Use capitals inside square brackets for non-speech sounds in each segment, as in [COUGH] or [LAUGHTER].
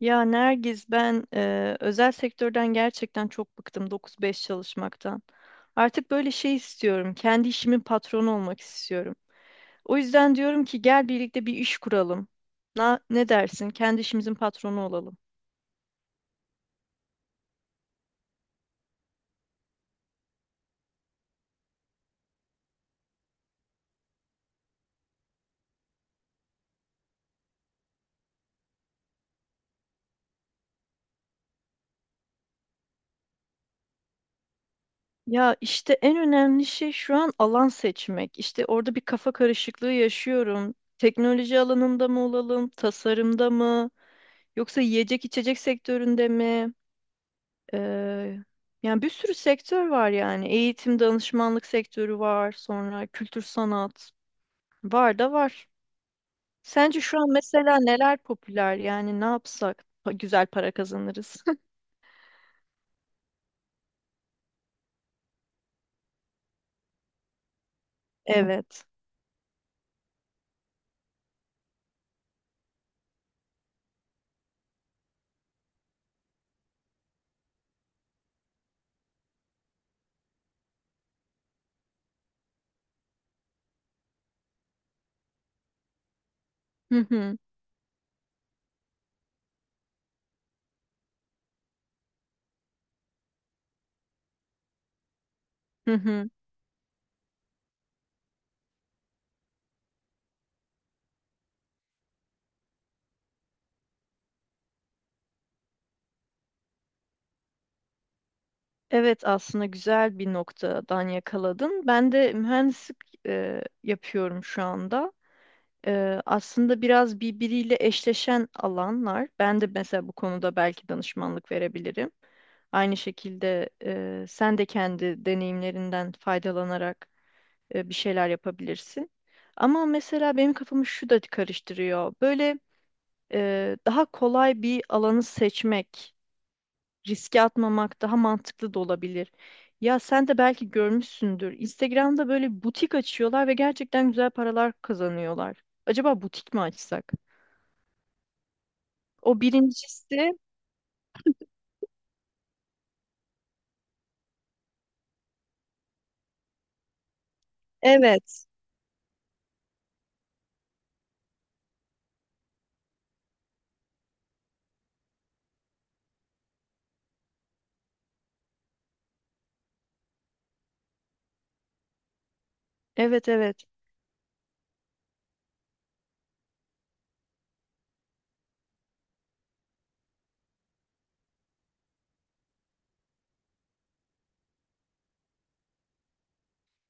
Ya Nergiz ben özel sektörden gerçekten çok bıktım 9-5 çalışmaktan. Artık böyle şey istiyorum. Kendi işimin patronu olmak istiyorum. O yüzden diyorum ki gel birlikte bir iş kuralım. Ne dersin? Kendi işimizin patronu olalım. Ya işte en önemli şey şu an alan seçmek. İşte orada bir kafa karışıklığı yaşıyorum. Teknoloji alanında mı olalım, tasarımda mı, yoksa yiyecek içecek sektöründe mi? Eee, Yani bir sürü sektör var yani. Eğitim, danışmanlık sektörü var. Sonra kültür sanat. Var da var. Sence şu an mesela neler popüler? Yani ne yapsak güzel para kazanırız? [LAUGHS] Evet. Hı hı. Hı hı. Evet, aslında güzel bir noktadan yakaladın. Ben de mühendislik yapıyorum şu anda. Aslında biraz birbiriyle eşleşen alanlar. Ben de mesela bu konuda belki danışmanlık verebilirim. Aynı şekilde sen de kendi deneyimlerinden faydalanarak bir şeyler yapabilirsin. Ama mesela benim kafamı şu da karıştırıyor. Böyle daha kolay bir alanı seçmek, riske atmamak daha mantıklı da olabilir. Ya sen de belki görmüşsündür. Instagram'da böyle butik açıyorlar ve gerçekten güzel paralar kazanıyorlar. Acaba butik mi açsak? O birincisi, evet. Evet, evet.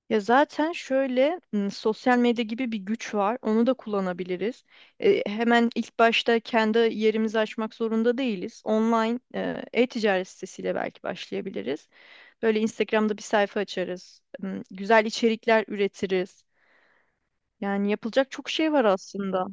Ya zaten şöyle sosyal medya gibi bir güç var. Onu da kullanabiliriz. Hemen ilk başta kendi yerimizi açmak zorunda değiliz. Online e-ticaret sitesiyle belki başlayabiliriz. Böyle Instagram'da bir sayfa açarız. Güzel içerikler üretiriz. Yani yapılacak çok şey var aslında.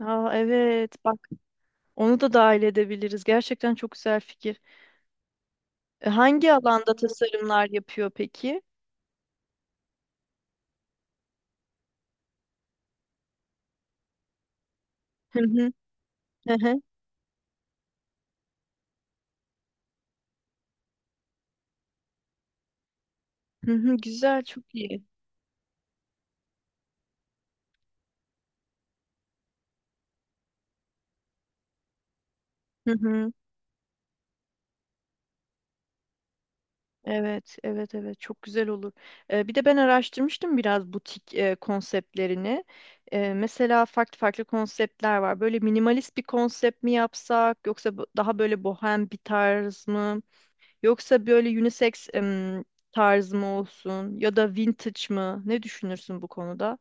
Aa, evet, bak onu da dahil edebiliriz. Gerçekten çok güzel fikir. Hangi alanda tasarımlar yapıyor peki? Hı hı. [LAUGHS] Hı hı, güzel, çok iyi. Hı hı. Evet, evet, evet. Çok güzel olur. Bir de ben araştırmıştım biraz butik konseptlerini. Mesela farklı farklı konseptler var. Böyle minimalist bir konsept mi yapsak, yoksa daha böyle bohem bir tarz mı, yoksa böyle unisex tarz mı olsun, ya da vintage mı? Ne düşünürsün bu konuda?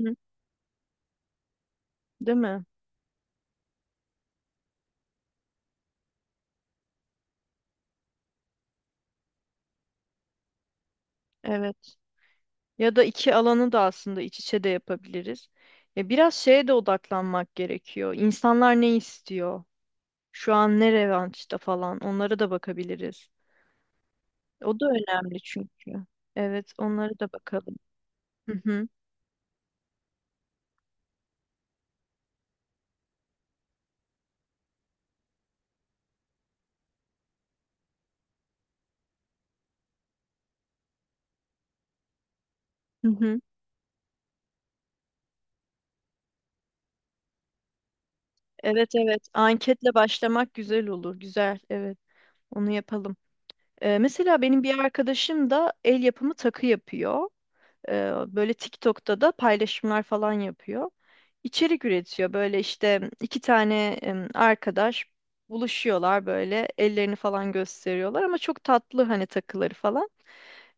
Hı. Değil mi? Evet. Ya da iki alanı da aslında iç içe de yapabiliriz. Ya biraz şeye de odaklanmak gerekiyor. İnsanlar ne istiyor? Şu an ne revaçta falan. Onlara da bakabiliriz. O da önemli çünkü. Evet, onlara da bakalım. Hı hı. Hı hı. Evet, evet. Anketle başlamak güzel olur. Güzel. Evet. Onu yapalım. Mesela benim bir arkadaşım da el yapımı takı yapıyor. Böyle TikTok'ta da paylaşımlar falan yapıyor. İçerik üretiyor. Böyle işte iki tane arkadaş buluşuyorlar böyle ellerini falan gösteriyorlar ama çok tatlı hani takıları falan.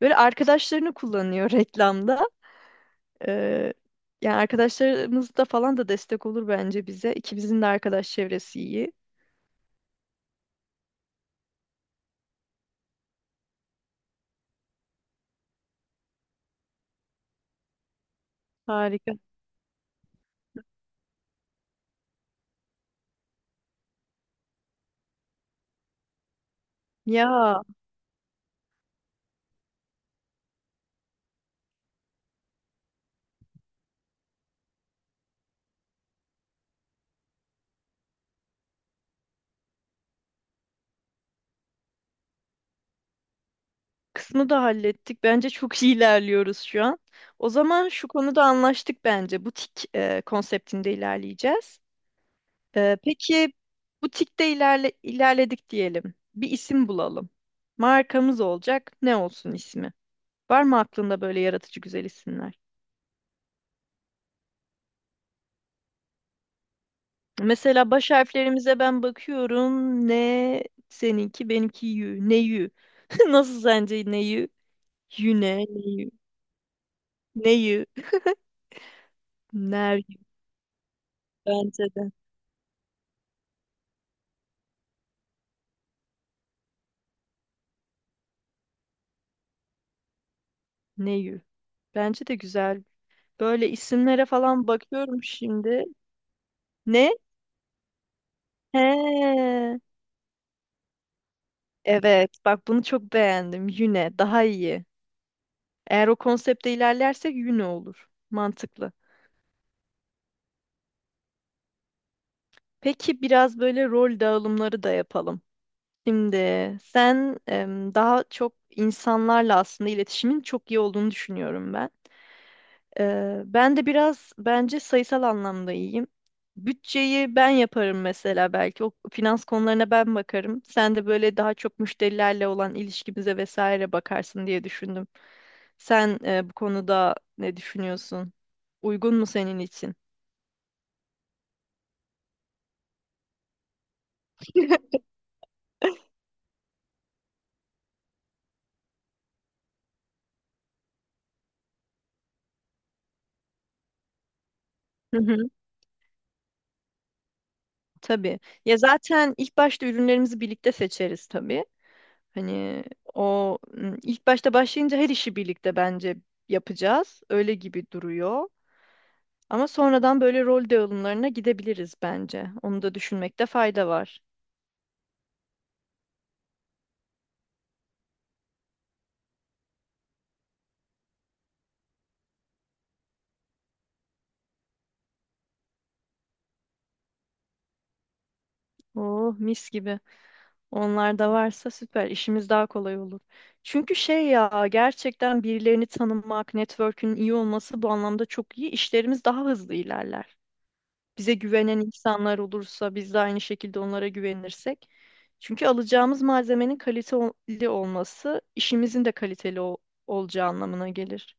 Böyle arkadaşlarını kullanıyor [LAUGHS] reklamda. Ee, yani arkadaşlarımız da falan da destek olur bence bize. İkimizin de arkadaş çevresi iyi. Harika. Ya kısmı da hallettik. Bence çok iyi ilerliyoruz şu an. O zaman şu konuda anlaştık bence. Butik konseptinde ilerleyeceğiz. Peki butikte ilerledik diyelim. Bir isim bulalım. Markamız olacak. Ne olsun ismi? Var mı aklında böyle yaratıcı güzel isimler? Mesela baş harflerimize ben bakıyorum. Ne seninki, benimki yü. Ne yü? [LAUGHS] Nasıl sence ne yü? Yüne, ne yü? Ne yü? Ner bence de. Neyü? Bence de güzel. Böyle isimlere falan bakıyorum şimdi. Ne? He. Evet. Bak bunu çok beğendim. Yüne. Daha iyi. Eğer o konsepte ilerlersek Yüne olur. Mantıklı. Peki biraz böyle rol dağılımları da yapalım. Şimdi sen daha çok insanlarla aslında iletişimin çok iyi olduğunu düşünüyorum ben. Ben de biraz bence sayısal anlamda iyiyim. Bütçeyi ben yaparım mesela belki. O finans konularına ben bakarım. Sen de böyle daha çok müşterilerle olan ilişkimize vesaire bakarsın diye düşündüm. Sen bu konuda ne düşünüyorsun? Uygun mu senin için? Hı hı. Tabii. Ya zaten ilk başta ürünlerimizi birlikte seçeriz tabii. Hani o ilk başta başlayınca her işi birlikte bence yapacağız. Öyle gibi duruyor. Ama sonradan böyle rol dağılımlarına gidebiliriz bence. Onu da düşünmekte fayda var. Oh, mis gibi. Onlar da varsa süper. İşimiz daha kolay olur. Çünkü şey ya gerçekten birilerini tanımak, network'ün iyi olması bu anlamda çok iyi. İşlerimiz daha hızlı ilerler. Bize güvenen insanlar olursa biz de aynı şekilde onlara güvenirsek. Çünkü alacağımız malzemenin kaliteli olması işimizin de kaliteli olacağı anlamına gelir.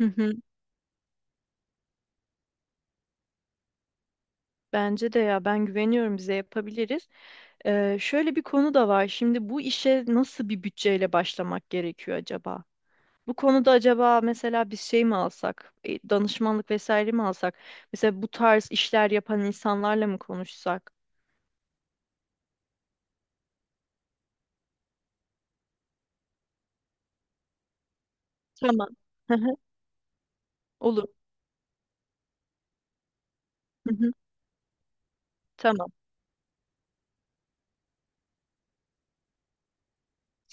Hı hı. Bence de ya ben güveniyorum bize yapabiliriz. Şöyle bir konu da var. Şimdi bu işe nasıl bir bütçeyle başlamak gerekiyor acaba? Bu konuda acaba mesela biz şey mi alsak, danışmanlık vesaire mi alsak? Mesela bu tarz işler yapan insanlarla mı konuşsak? Tamam. Hı hı. Olur. Hı hı. Tamam.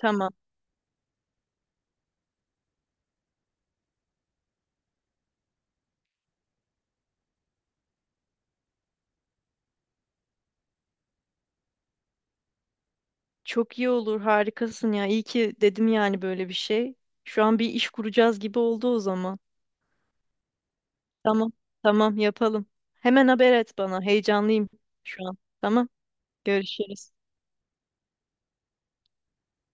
Tamam. Çok iyi olur. Harikasın ya. İyi ki dedim yani böyle bir şey. Şu an bir iş kuracağız gibi oldu o zaman. Tamam. Tamam, yapalım. Hemen haber et bana. Heyecanlıyım şu an. Tamam. Görüşürüz.